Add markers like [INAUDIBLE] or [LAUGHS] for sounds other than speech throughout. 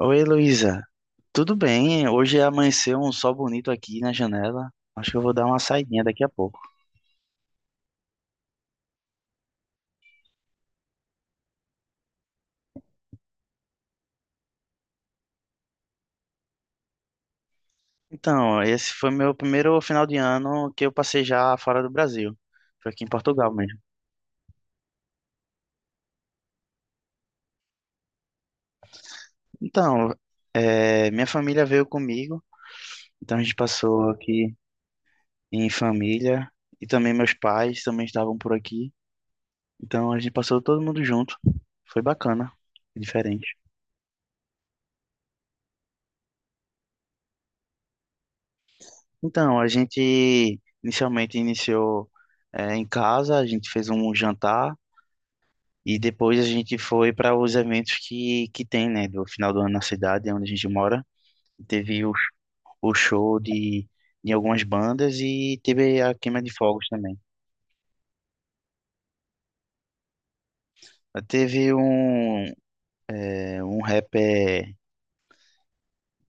Oi, Luísa. Tudo bem? Hoje amanheceu um sol bonito aqui na janela. Acho que eu vou dar uma saidinha daqui a pouco. Então, esse foi meu primeiro final de ano que eu passei já fora do Brasil. Foi aqui em Portugal mesmo. Então, é, minha família veio comigo, então a gente passou aqui em família e também meus pais também estavam por aqui. Então a gente passou todo mundo junto. Foi bacana, diferente. Então, a gente inicialmente iniciou em casa, a gente fez um jantar e depois a gente foi para os eventos que tem, né, do final do ano na cidade, onde a gente mora. Teve o show de algumas bandas e teve a queima de fogos também. Teve um, um rapper,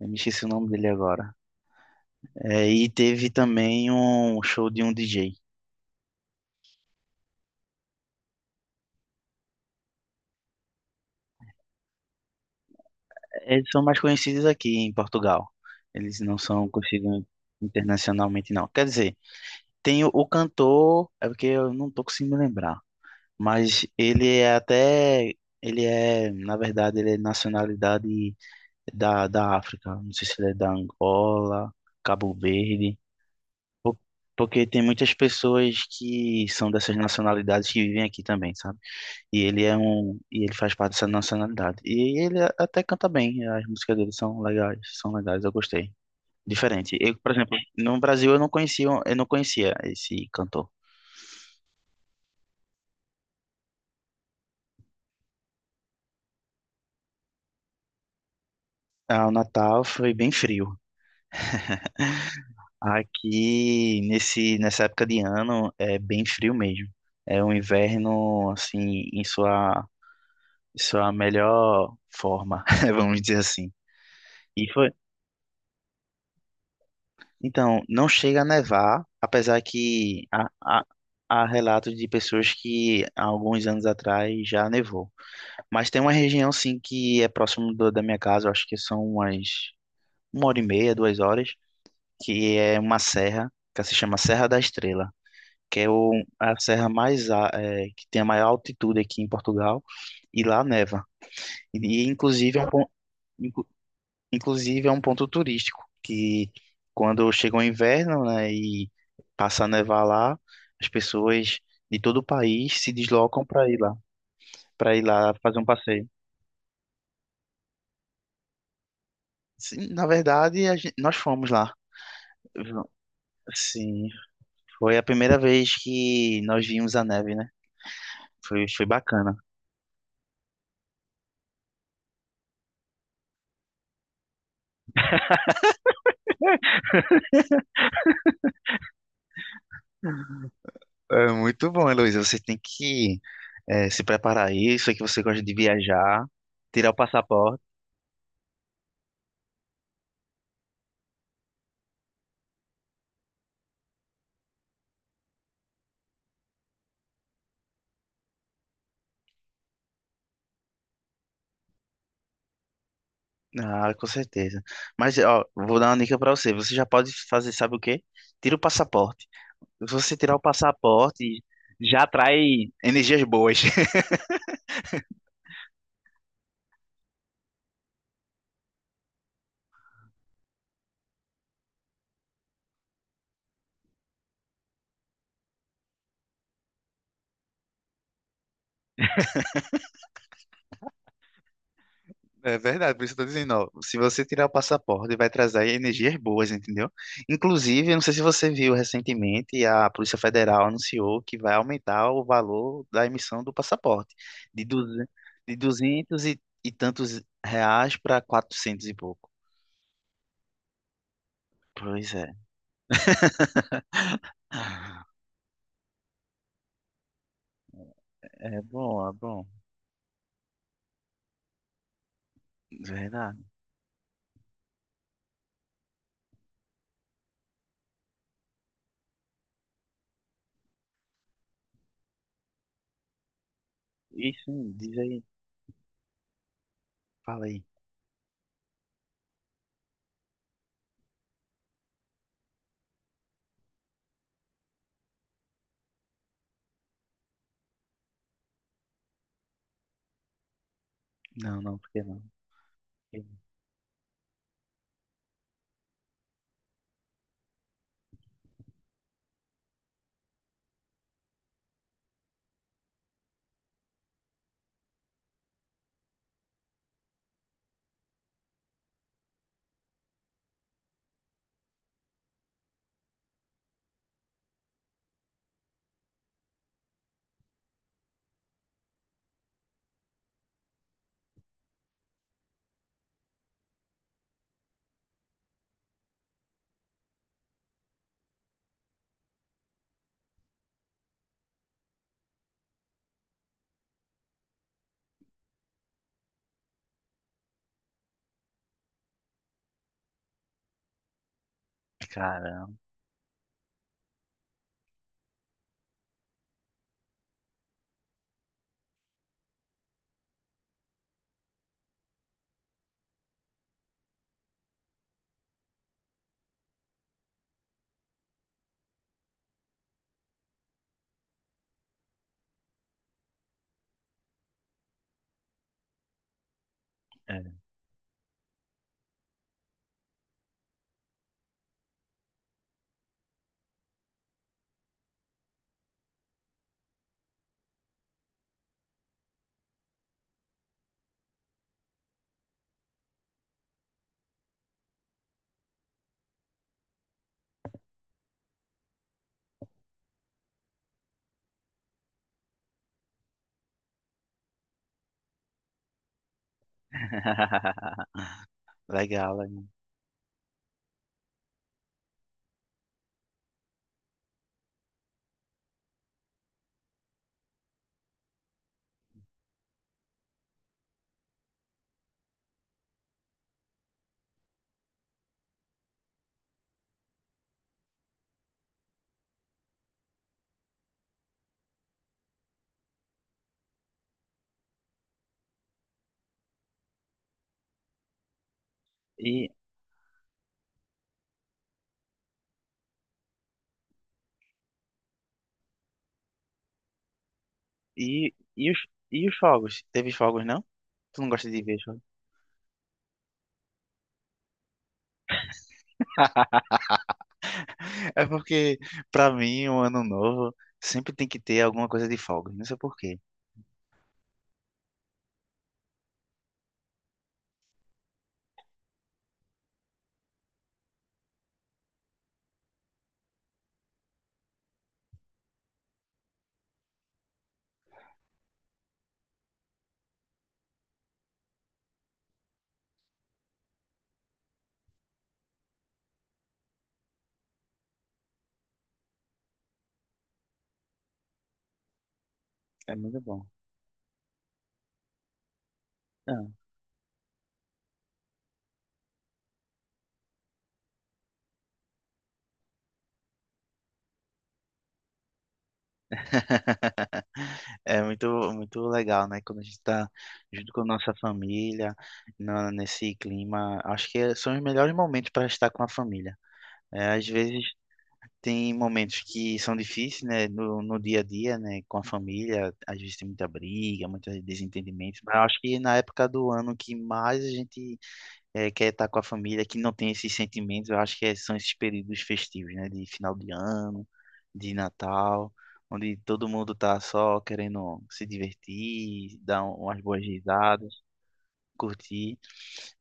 eu me esqueci o nome dele agora. E teve também um show de um DJ. Eles são mais conhecidos aqui em Portugal. Eles não são conhecidos internacionalmente, não. Quer dizer, tem o cantor, é porque eu não tô conseguindo me lembrar, mas ele é, na verdade, ele é nacionalidade da África. Não sei se ele é da Angola, Cabo Verde, po- porque tem muitas pessoas que são dessas nacionalidades que vivem aqui também, sabe? E e ele faz parte dessa nacionalidade. E até canta bem, as músicas dele são legais, eu gostei. Diferente. Eu, por exemplo, no Brasil eu não conhecia esse cantor. Ah, o Natal foi bem frio. Aqui nesse nessa época de ano é bem frio mesmo. É um inverno assim em sua melhor forma, [LAUGHS] vamos dizer assim. E foi Então, não chega a nevar, apesar que há relatos de pessoas que há alguns anos atrás já nevou. Mas tem uma região, sim, que é próximo da minha casa, eu acho que são uma hora e meia, duas horas, que é uma serra, que se chama Serra da Estrela, que é a serra mais, que tem a maior altitude aqui em Portugal, e lá neva. E, e, inclusive, é um, pon- Inclusive, é um ponto turístico que, quando chega o inverno, né, e passa a nevar lá, as pessoas de todo o país se deslocam para ir lá fazer um passeio. Sim, na verdade, nós fomos lá. V- Sim, foi a primeira vez que nós vimos a neve, né? Foi, foi bacana. É muito bom, Heloísa. Você tem que se preparar aí. Isso que você gosta de viajar, tirar o passaporte. Ah, com certeza. Mas, ó, vou dar uma dica pra você. Você já pode fazer, sabe o quê? Tira o passaporte. Se você tirar o passaporte, já atrai energias boas. [LAUGHS] É verdade, por isso que eu tô dizendo, ó, se você tirar o passaporte, vai trazer energias boas, entendeu? Inclusive, eu não sei se você viu recentemente, a Polícia Federal anunciou que vai aumentar o valor da emissão do passaporte de, duze- de 200 e tantos reais para 400 e pouco. Pois é. Ah, é bom, é bom. Verdade. Isso, diz aí. Fala aí. Não, não, porque não? Caramba. É. [LAUGHS] Legal, legal. E, e, e, os, e os fogos? Teve fogos, não? Tu não gosta de ver fogos? É porque, pra mim, o ano novo sempre tem que ter alguma coisa de fogos. Não sei por quê. É muito bom. Ah. [LAUGHS] É muito, muito legal, né? Quando a gente está junto com a nossa família, nesse clima, acho que são os melhores momentos para estar com a família. É, às vezes tem momentos que são difíceis, né, no dia a dia, né, com a família, às vezes tem muita briga, muitos desentendimentos, mas eu acho que na época do ano que mais a gente quer estar com a família, que não tem esses sentimentos, eu acho que são esses períodos festivos, né, de final de ano, de Natal, onde todo mundo tá só querendo se divertir, dar umas boas risadas curti.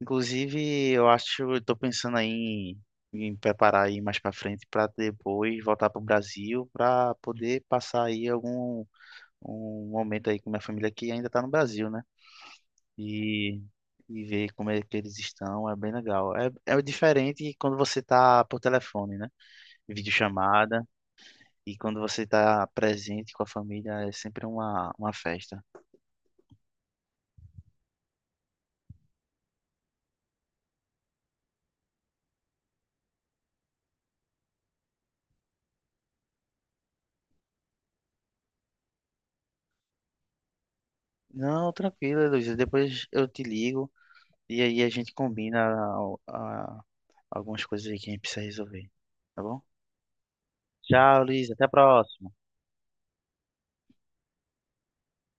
Inclusive, eu acho, eu tô pensando aí em preparar aí mais para frente para depois voltar para o Brasil para poder passar aí algum um momento aí com minha família que ainda tá no Brasil, né? E e ver como é que eles estão, é bem legal. É, é diferente quando você tá por telefone, né? Videochamada. E quando você está presente com a família, é sempre uma festa. Não, tranquilo, Luiz. Depois eu te ligo. E aí a gente combina algumas coisas aí que a gente precisa resolver. Tá bom? Tchau, Luiz. Até a próxima.